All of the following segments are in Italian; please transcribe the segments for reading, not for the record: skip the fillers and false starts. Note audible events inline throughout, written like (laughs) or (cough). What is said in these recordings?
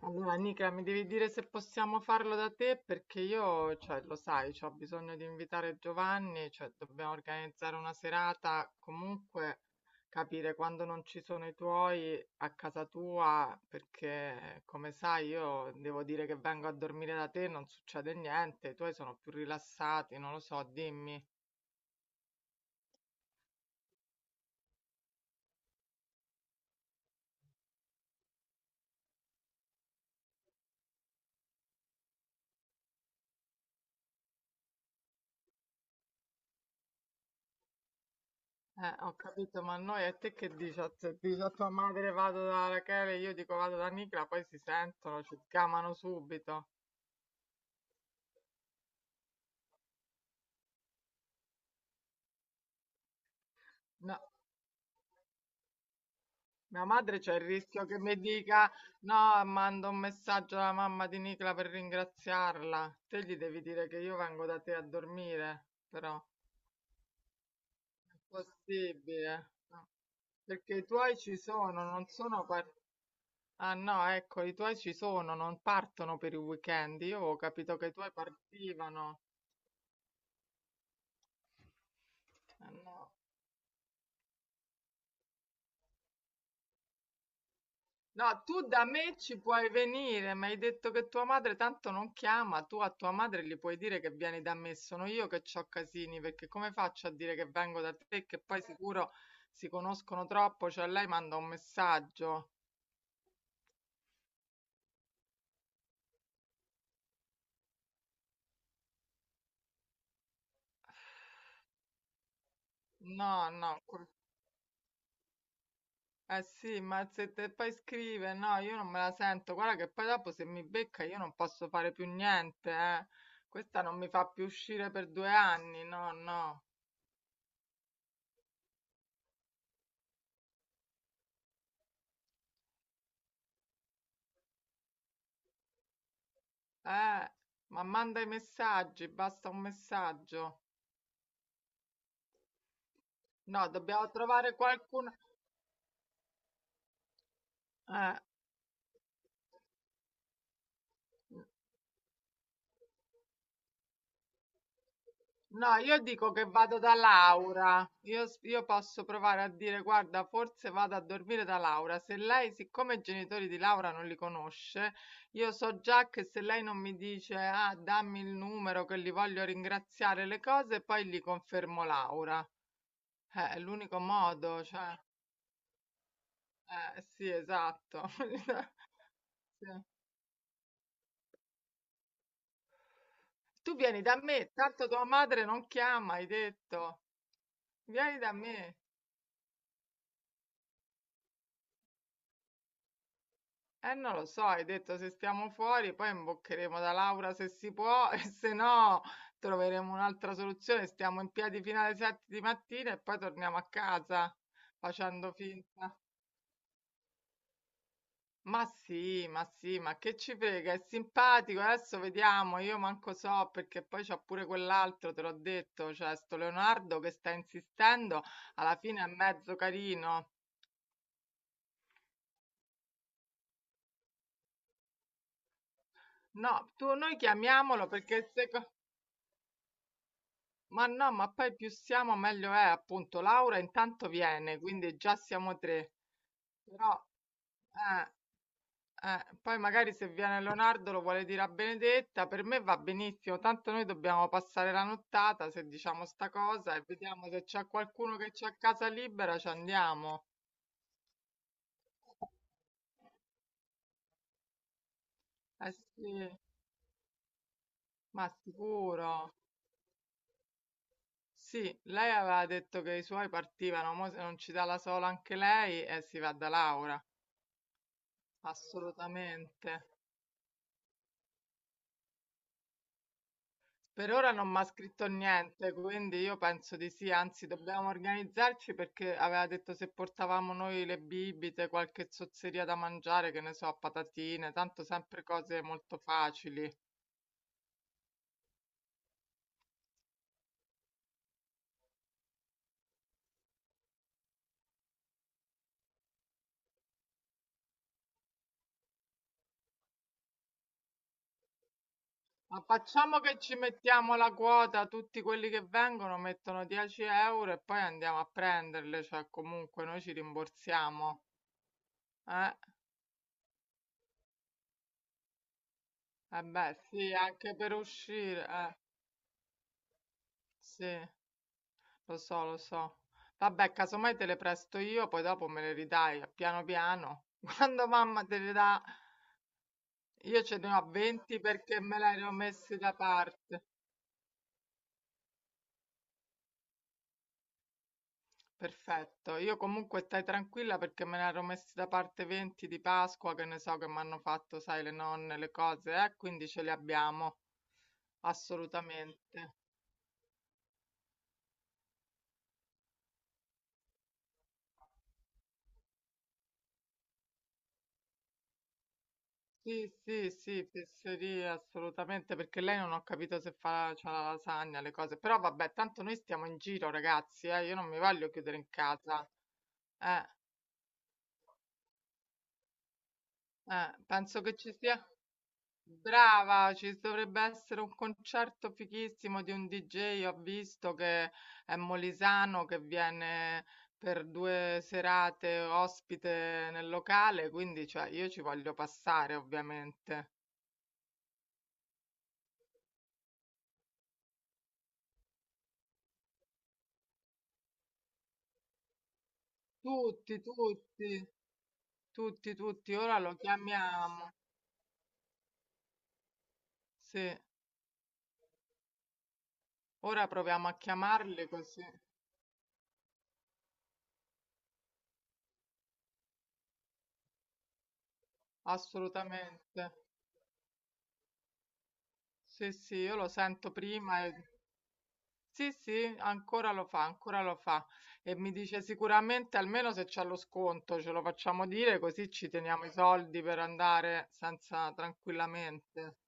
Allora, Nica, mi devi dire se possiamo farlo da te perché io, cioè, lo sai, ho bisogno di invitare Giovanni, cioè, dobbiamo organizzare una serata, comunque capire quando non ci sono i tuoi a casa tua, perché come sai io devo dire che vengo a dormire da te, non succede niente, i tuoi sono più rilassati, non lo so, dimmi. Ho capito, ma noi a te che dici? A, se dici a tua madre vado da Rachele, io dico vado da Nicola, poi si sentono, ci chiamano subito. No, mia madre c'è il rischio che mi dica no, mando un messaggio alla mamma di Nicla per ringraziarla. Te gli devi dire che io vengo da te a dormire, però è possibile. No, perché i tuoi ci sono, non sono ah no, ecco, i tuoi ci sono, non partono per i weekend. Io ho capito che i tuoi partivano. Ah, no. No, tu da me ci puoi venire, mi hai detto che tua madre tanto non chiama, tu a tua madre gli puoi dire che vieni da me, sono io che c'ho casini, perché come faccio a dire che vengo da te, che poi sicuro si conoscono troppo, cioè lei manda un messaggio. No, no, eh sì, ma se te poi scrive, no, io non me la sento, guarda che poi dopo se mi becca io non posso fare più niente, eh. Questa non mi fa più uscire per 2 anni, no, no. Eh, ma manda i messaggi, basta un messaggio. No, dobbiamo trovare qualcuno. Eh, no, io dico che vado da Laura. Io, io posso provare a dire, guarda, forse vado a dormire da Laura. Se lei, siccome i genitori di Laura non li conosce, io so già che se lei non mi dice, ah, dammi il numero che li voglio ringraziare le cose, poi gli confermo Laura. È l'unico modo, cioè. Sì, esatto. (laughs) Sì. Tu vieni da me, tanto tua madre non chiama, hai detto. Vieni da me. Non lo so, hai detto se stiamo fuori, poi imboccheremo da Laura se si può (laughs) e se no troveremo un'altra soluzione. Stiamo in piedi fino alle 7 di mattina e poi torniamo a casa facendo finta. Ma sì, ma sì, ma che ci frega, è simpatico, adesso vediamo, io manco so perché poi c'ha pure quell'altro, te l'ho detto, cioè sto Leonardo che sta insistendo, alla fine è mezzo carino. No, tu, noi chiamiamolo perché ma no, ma poi più siamo meglio è, appunto. Laura intanto viene, quindi già siamo tre. Però, eh, poi magari se viene Leonardo lo vuole dire a Benedetta, per me va benissimo, tanto noi dobbiamo passare la nottata se diciamo sta cosa e vediamo se c'è qualcuno che c'ha casa libera, ci andiamo. Eh sì, ma sicuro. Sì, lei aveva detto che i suoi partivano, mo se non ci dà la sola anche lei, si va da Laura, assolutamente. Per ora non mi ha scritto niente, quindi io penso di sì, anzi dobbiamo organizzarci perché aveva detto se portavamo noi le bibite, qualche zozzeria da mangiare, che ne so, patatine, tanto sempre cose molto facili. Ma facciamo che ci mettiamo la quota, tutti quelli che vengono mettono 10 euro e poi andiamo a prenderle, cioè comunque noi ci rimborsiamo. Eh, eh beh, sì, anche per uscire, sì, lo so, lo so. Vabbè, casomai te le presto io, poi dopo me le ridai, piano piano. (laughs) Quando mamma te le dà, io ce ne ho 20 perché me le ero messi da parte. Perfetto, io comunque stai tranquilla perché me ne ero messi da parte 20 di Pasqua, che ne so che mi hanno fatto, sai, le nonne, le cose, quindi ce le abbiamo, assolutamente. Sì, sì, sì, fesserie assolutamente, perché lei non ho capito se fa, c'ha la lasagna, le cose, però vabbè, tanto noi stiamo in giro, ragazzi, io non mi voglio chiudere in casa. Eh, penso che ci sia. Brava, ci dovrebbe essere un concerto fighissimo di un DJ, ho visto che è molisano, che viene per 2 serate ospite nel locale, quindi cioè, io ci voglio passare, ovviamente. Tutti, tutti. Tutti, tutti, ora lo chiamiamo. Sì, ora proviamo a chiamarli così. Assolutamente. Sì, sì, io lo sento prima e sì, sì, ancora lo fa, ancora lo fa. E mi dice sicuramente almeno se c'è lo sconto, ce lo facciamo dire così ci teniamo i soldi per andare senza tranquillamente.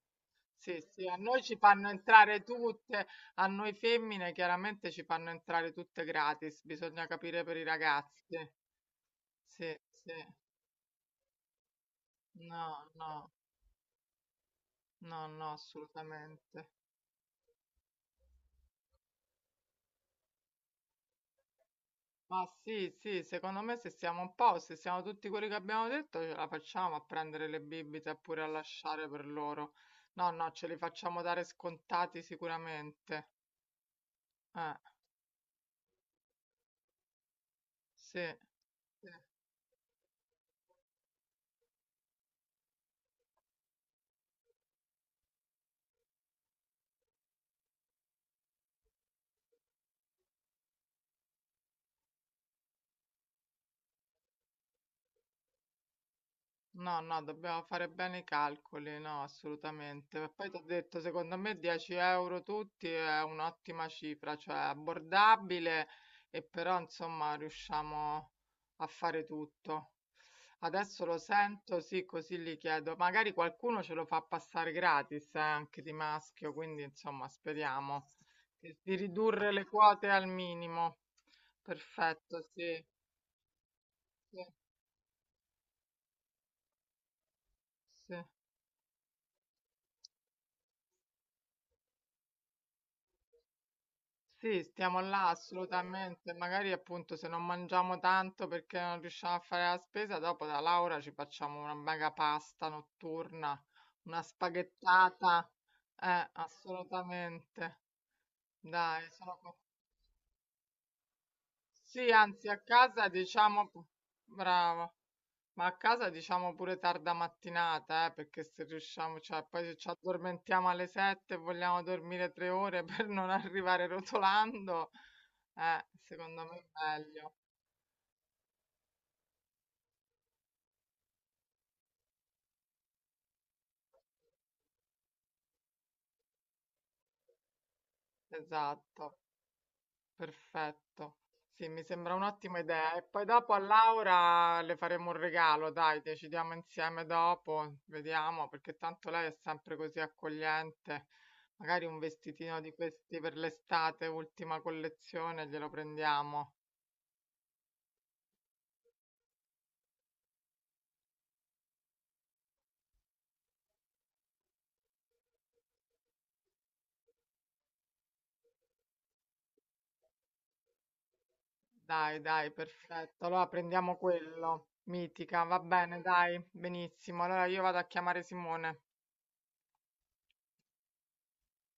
Sì, sì, a noi ci fanno entrare tutte, a noi femmine chiaramente ci fanno entrare tutte gratis, bisogna capire per i ragazzi. Sì, sì. No, no, no, no, assolutamente. Ma sì, sì, secondo me se siamo un po', se siamo tutti quelli che abbiamo detto, ce la facciamo a prendere le bibite oppure a lasciare per loro. No, no, ce li facciamo dare scontati sicuramente. Eh, sì. Sì. No, no, dobbiamo fare bene i calcoli, no, assolutamente. Ma poi ti ho detto, secondo me 10 euro tutti è un'ottima cifra, cioè abbordabile e però insomma riusciamo a fare tutto. Adesso lo sento, sì, così gli chiedo. Magari qualcuno ce lo fa passare gratis, anche di maschio, quindi insomma speriamo di ridurre le quote al minimo. Perfetto, sì, sì, sì. Sì, stiamo là assolutamente. Magari appunto se non mangiamo tanto perché non riusciamo a fare la spesa, dopo da Laura ci facciamo una mega pasta notturna, una spaghettata. Assolutamente. Dai, sono con sì, anzi, a casa diciamo, brava, ma a casa diciamo pure tarda mattinata, perché se riusciamo, cioè, poi se ci addormentiamo alle 7 e vogliamo dormire 3 ore (laughs) per non arrivare rotolando, secondo me è meglio. Esatto. Perfetto. Sì, mi sembra un'ottima idea. E poi dopo a Laura le faremo un regalo, dai, decidiamo insieme dopo, vediamo, perché tanto lei è sempre così accogliente. Magari un vestitino di questi per l'estate, ultima collezione, glielo prendiamo. Dai, dai, perfetto. Allora prendiamo quello, mitica, va bene, dai, benissimo. Allora io vado a chiamare Simone.